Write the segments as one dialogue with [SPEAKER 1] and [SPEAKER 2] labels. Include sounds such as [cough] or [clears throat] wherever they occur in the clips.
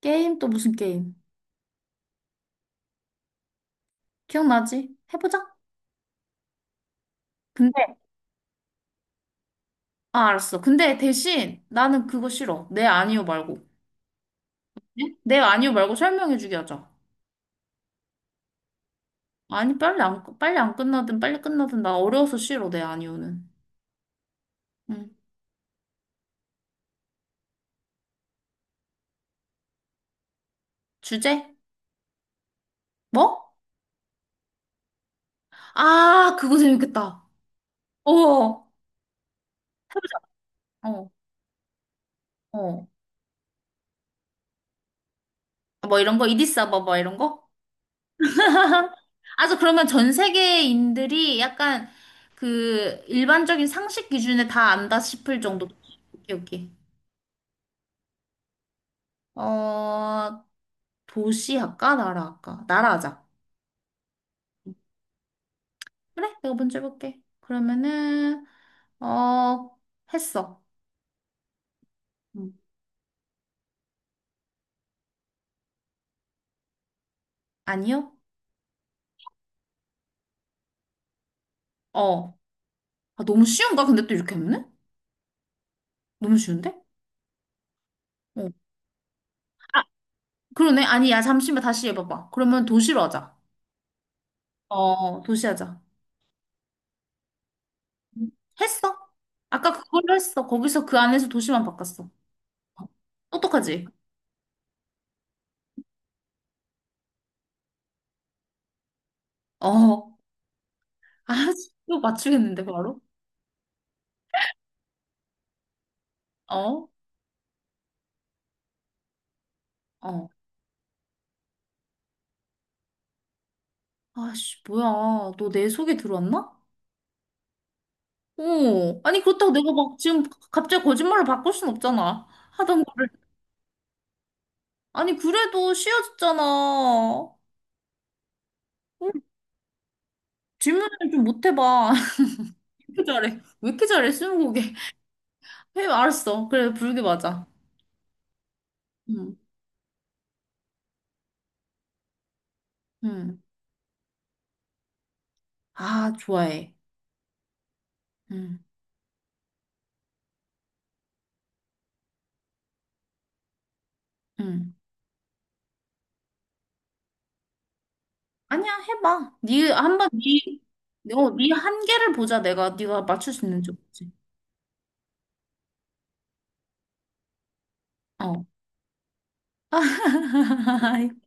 [SPEAKER 1] 게임 또 무슨 게임? 기억나지? 해보자. 근데 알았어. 근데 대신 나는 그거 싫어. 네 아니요 말고. 네? 네 아니요 말고 설명해주게 하자. 아니 빨리 안 빨리 안 끝나든 빨리 끝나든 나 어려워서 싫어. 네 아니요는. 응. 주제? 뭐? 아 그거 재밌겠다. 어 해보자. 어 어. 뭐 이런 거 이디스 아바바 뭐 이런 거? 아 저 그러면 전 세계인들이 약간 그 일반적인 상식 기준에 다 안다 싶을 정도. 오케이 오케이. 어, 도시 할까? 나라 할까? 나라 하자. 그래? 내가 먼저 해볼게. 그러면은, 어, 했어. 음. 아니요? 어. 아, 너무 쉬운가? 근데 또 이렇게 하면은? 너무 쉬운데? 어. 그러네. 아니, 야, 잠시만 다시 해봐봐. 그러면 도시로 하자. 어, 도시 하자. 음. 했어? 아까 그걸로 했어. 거기서 그 안에서 도시만 바꿨어. 어. 똑똑하지? 어. 아, 이거 맞추겠는데, 바로? 어? 어. 아씨, 뭐야. 너 내 속에 들어왔나? 오, 아니, 그렇다고 내가 막 지금 갑자기 거짓말을 바꿀 순 없잖아. 하던 거를. 아니, 그래도 쉬워졌잖아. 어, 질문을 좀 못 해봐. [laughs] 왜 이렇게 잘해? 왜 이렇게 잘해, 스무고개? 해, 알았어. 그래, 불게 맞아. 응, 응. 아, 좋아해. 응, 응. 아니야, 해봐. 네, 한번 네, 어, 네 한계를 보자, 내가. 네가 맞출 수 있는지 없지. 어. [laughs]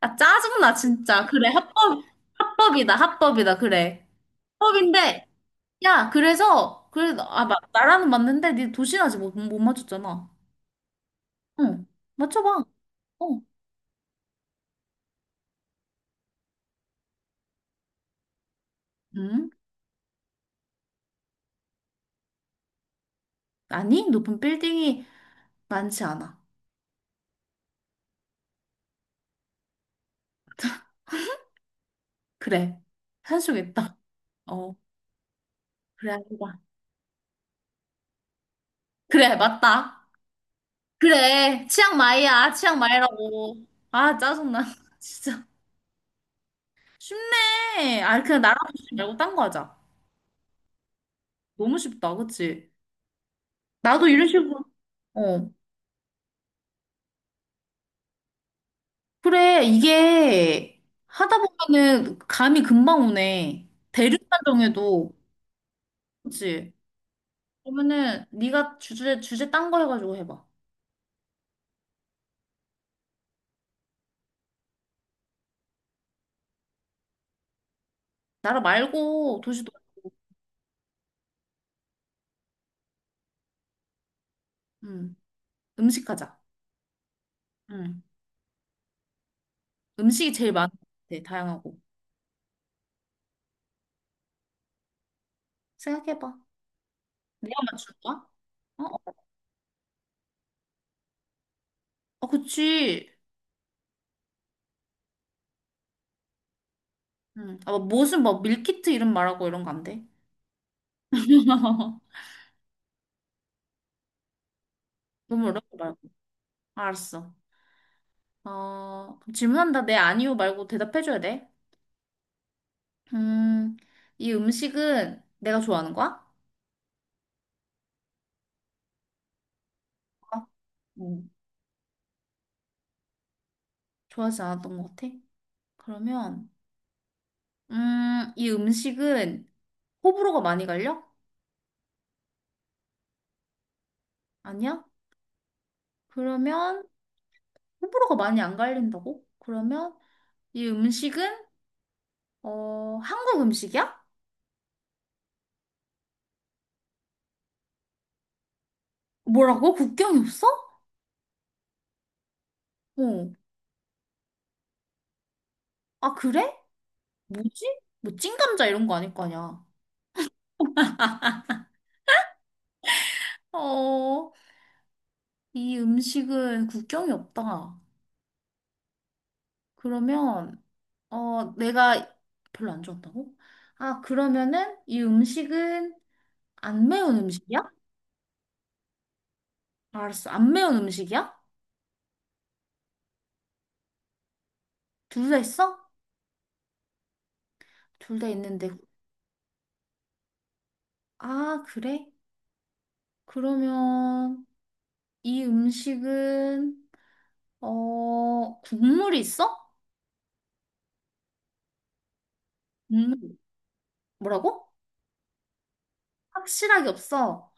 [SPEAKER 1] 아, 짜증나, 진짜. 그래, 합법, 합법이다, 합법이다, 그래. 합법인데, 야, 그래서, 그래, 아, 마, 나라는 맞는데, 네 도시나지 못, 못 맞췄잖아. 응, 맞춰봐. 어, 응? 아니, 높은 빌딩이 많지 않아. 그래, 산속에 있다. 어, 그래, 아니다. 그래, 맞다. 그래, 치앙마이야, 치앙마이라고. 아, 짜증나. [laughs] 진짜. 쉽네. 아, 그냥 나라 도시 말고 딴 거 하자. 너무 쉽다, 그치? 나도 이런 식으로, 어. 그래, 이게 하다 보면은 감이 금방 오네. 대륙만 정해도. 그치? 그러면은 네가 주제, 주제 딴 거 해가지고 해봐. 나라 말고 도시도, 음, 음식 하자. 음. 음식이 제일 많은 것 같아, 다양하고. 생각해봐. 내가 맞출 거야? 어? 아 그치. 음. 아, 뭐 무슨 뭐 밀키트 이름 말하고 이런 거 안 돼? [laughs] 너무 어려운 거 말고. 알았어. 어, 그럼 질문한다. 네, 아니요 말고 대답해줘야 돼. 음, 이 음식은 내가 좋아하는 거야? 어? 응. 좋아하지 않았던 것 같아. 그러면, 이 음식은 호불호가 많이 갈려? 아니야? 그러면, 호불호가 많이 안 갈린다고? 그러면, 이 음식은, 어, 한국 음식이야? 뭐라고? 국경이 없어? 어. 아, 그래? 뭐지? 뭐, 찐감자 이런 거 아닐 거 아니야. 어, 이 음식은 국경이 없다. 그러면, 어, 내가 별로 안 좋았다고? 아, 그러면은 이 음식은 안 매운 음식이야? 알았어. 안 매운 음식이야? 둘 다 있어? 둘 다 있는데. 아, 그래? 그러면 이 음식은 어, 국물이 있어? 국물 뭐라고? 확실하게 없어.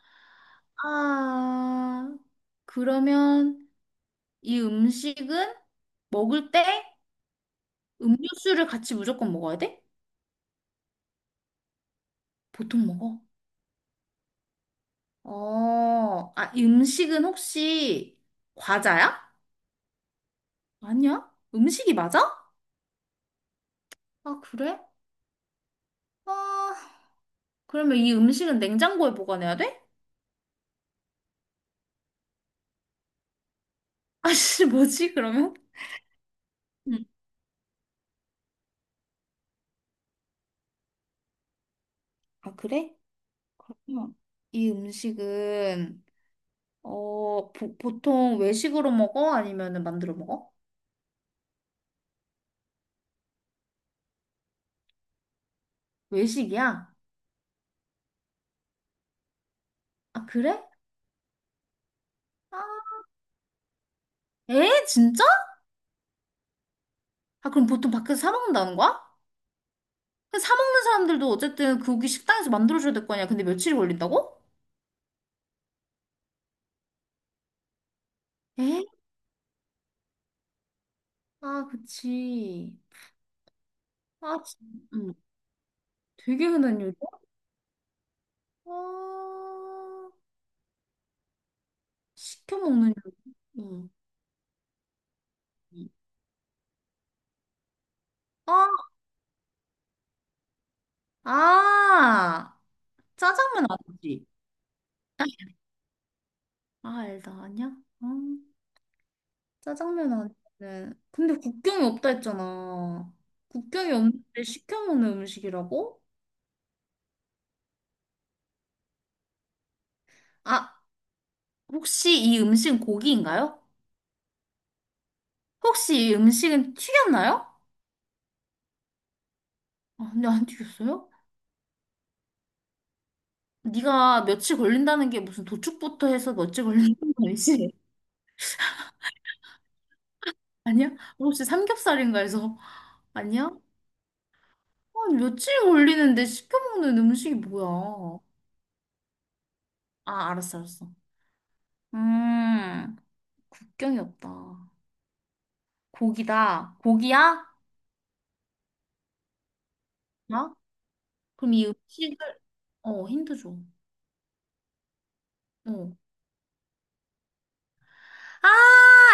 [SPEAKER 1] 아, 그러면 이 음식은 먹을 때 음료수를 같이 무조건 먹어야 돼? 보통 먹어. 어, 아, 이 음식은 혹시 과자야? 아니야? 음식이 맞아? 아, 그래? 아, 그러면 이 음식은 냉장고에 보관해야 돼? [laughs] 아씨, 뭐지, 그러면? 응. 아, 그래? 그러면 이 음식은, 어, 보, 보통 외식으로 먹어? 아니면은 만들어 먹어? 외식이야? 아, 그래? 아, 에? 진짜? 아, 그럼 보통 밖에서 사 먹는다는 거야? 사 먹는 사람들도 어쨌든 그고기 식당에서 만들어줘야 될 거 아니야. 근데 며칠이 걸린다고? 에? 아, 그치. 아, 진- 응. 되게 흔한 요리. 아, 시켜 먹는 요리. 응. 응. 아, 아, 짜장면 아니지? 아, 알다, 아니야? 아, 짜장면 아니는. 근데 국경이 없다 했잖아. 국경이 없는데 시켜 먹는 음식이라고? 아, 혹시 이 음식은 고기인가요? 혹시 이 음식은 튀겼나요? 아, 근데 안 튀겼어요? 네가 며칠 걸린다는 게 무슨 도축부터 해서 며칠 걸린다는 거 알지? [laughs] 아니야? 혹시 삼겹살인가 해서 아니야? 아, 며칠 걸리는데 시켜먹는 음식이 뭐야? 아, 알았어, 알았어. 음, 국경이 없다. 고기다. 고기야? 어? 그럼 이 음식을 어, 힌트 줘. 어. 아,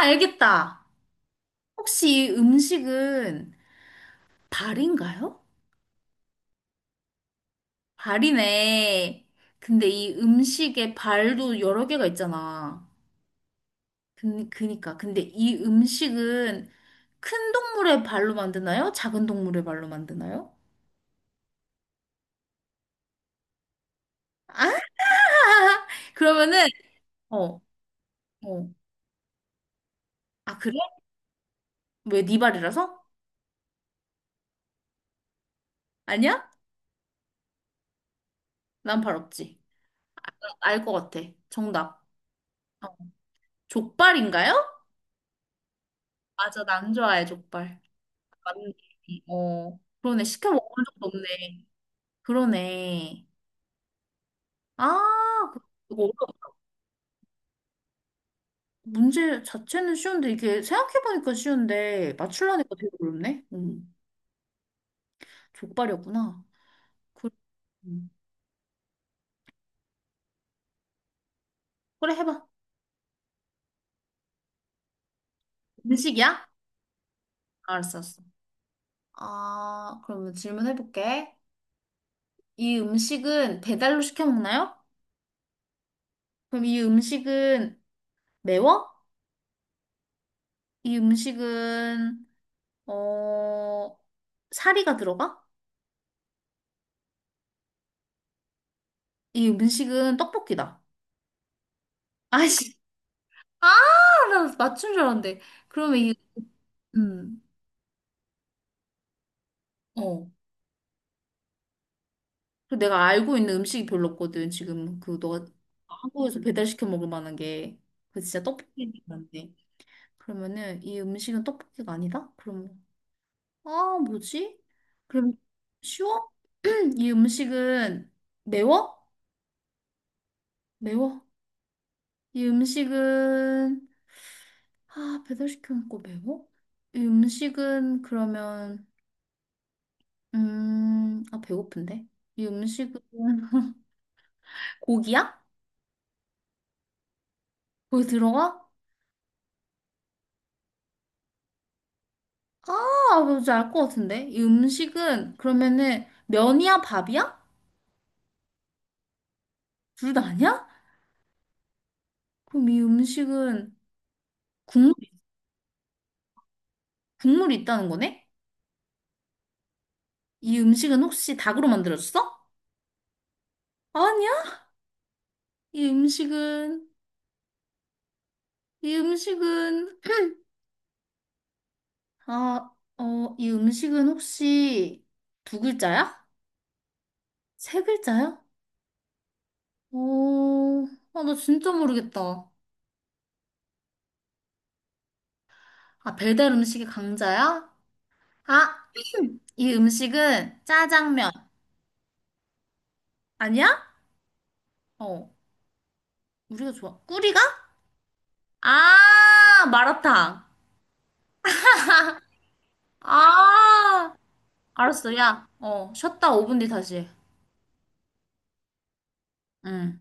[SPEAKER 1] 알겠다. 혹시 이 음식은 발인가요? 발이네. 근데 이 음식에 발도 여러 개가 있잖아. 그, 그니까. 근데 이 음식은 큰 동물의 발로 만드나요? 작은 동물의 발로 만드나요? 아, [laughs] 그러면은, 어, 어. 아, 그래? 왜 네 발이라서? 아니야? 난 발 없지. 알 것 같아. 정답. 어. 족발인가요? 맞아, 난 안 좋아해, 족발. 맞네. 어, 그러네. 시켜 먹은 적도 없네. 그러네. 아, 그거 어려 문제 자체는 쉬운데, 이게 생각해보니까 쉬운데, 맞추려니까 되게 어렵네. 음. 족발이었구나. 그, 음. 그래, 해봐. 음식이야? 알았어, 알았어. 아, 그러면 질문해볼게. 이 음식은 배달로 시켜 먹나요? 그럼 이 음식은 매워? 이 음식은, 어, 사리가 들어가? 이 음식은 떡볶이다. 아이씨. 아, 나 맞춘 줄 알았는데. 그러면 이, 음, 어. 그리고 내가 알고 있는 음식이 별로 없거든, 지금. 그, 너가 한국에서 배달시켜 먹을 만한 게. 그 진짜 떡볶이인데. 그러면은 이 음식은 떡볶이가 아니다? 그럼 아 뭐지? 그럼 쉬워? [clears throat] 이 음식은 매워? 매워. 이 음식은 아 배달시켜 먹고 매워? 이 음식은 그러면 음아 배고픈데? 이 음식은 [laughs] 고기야? 고기 들어가? 아 뭔지 알 것 같은데? 이 음식은 그러면은 면이야 밥이야? 둘 다 아니야? 그럼 이 음식은 국물 국물이 있다는 거네? 이 음식은 혹시 닭으로 만들어졌어? 아니야? 이 음식은, 이 음식은, 아, 어, 이 음식은 혹시 두 글자야? 세 글자야? 오, 아, 나 진짜 모르겠다. 아, 배달 음식의 강자야? 아, [clears throat] 이 음식은 짜장면. 아니야? 어, 우리가 좋아. 꿀이가? 아, 마라탕. 아, 알았어. 야, 어, 쉬었다 5분 뒤 다시. 해. 응.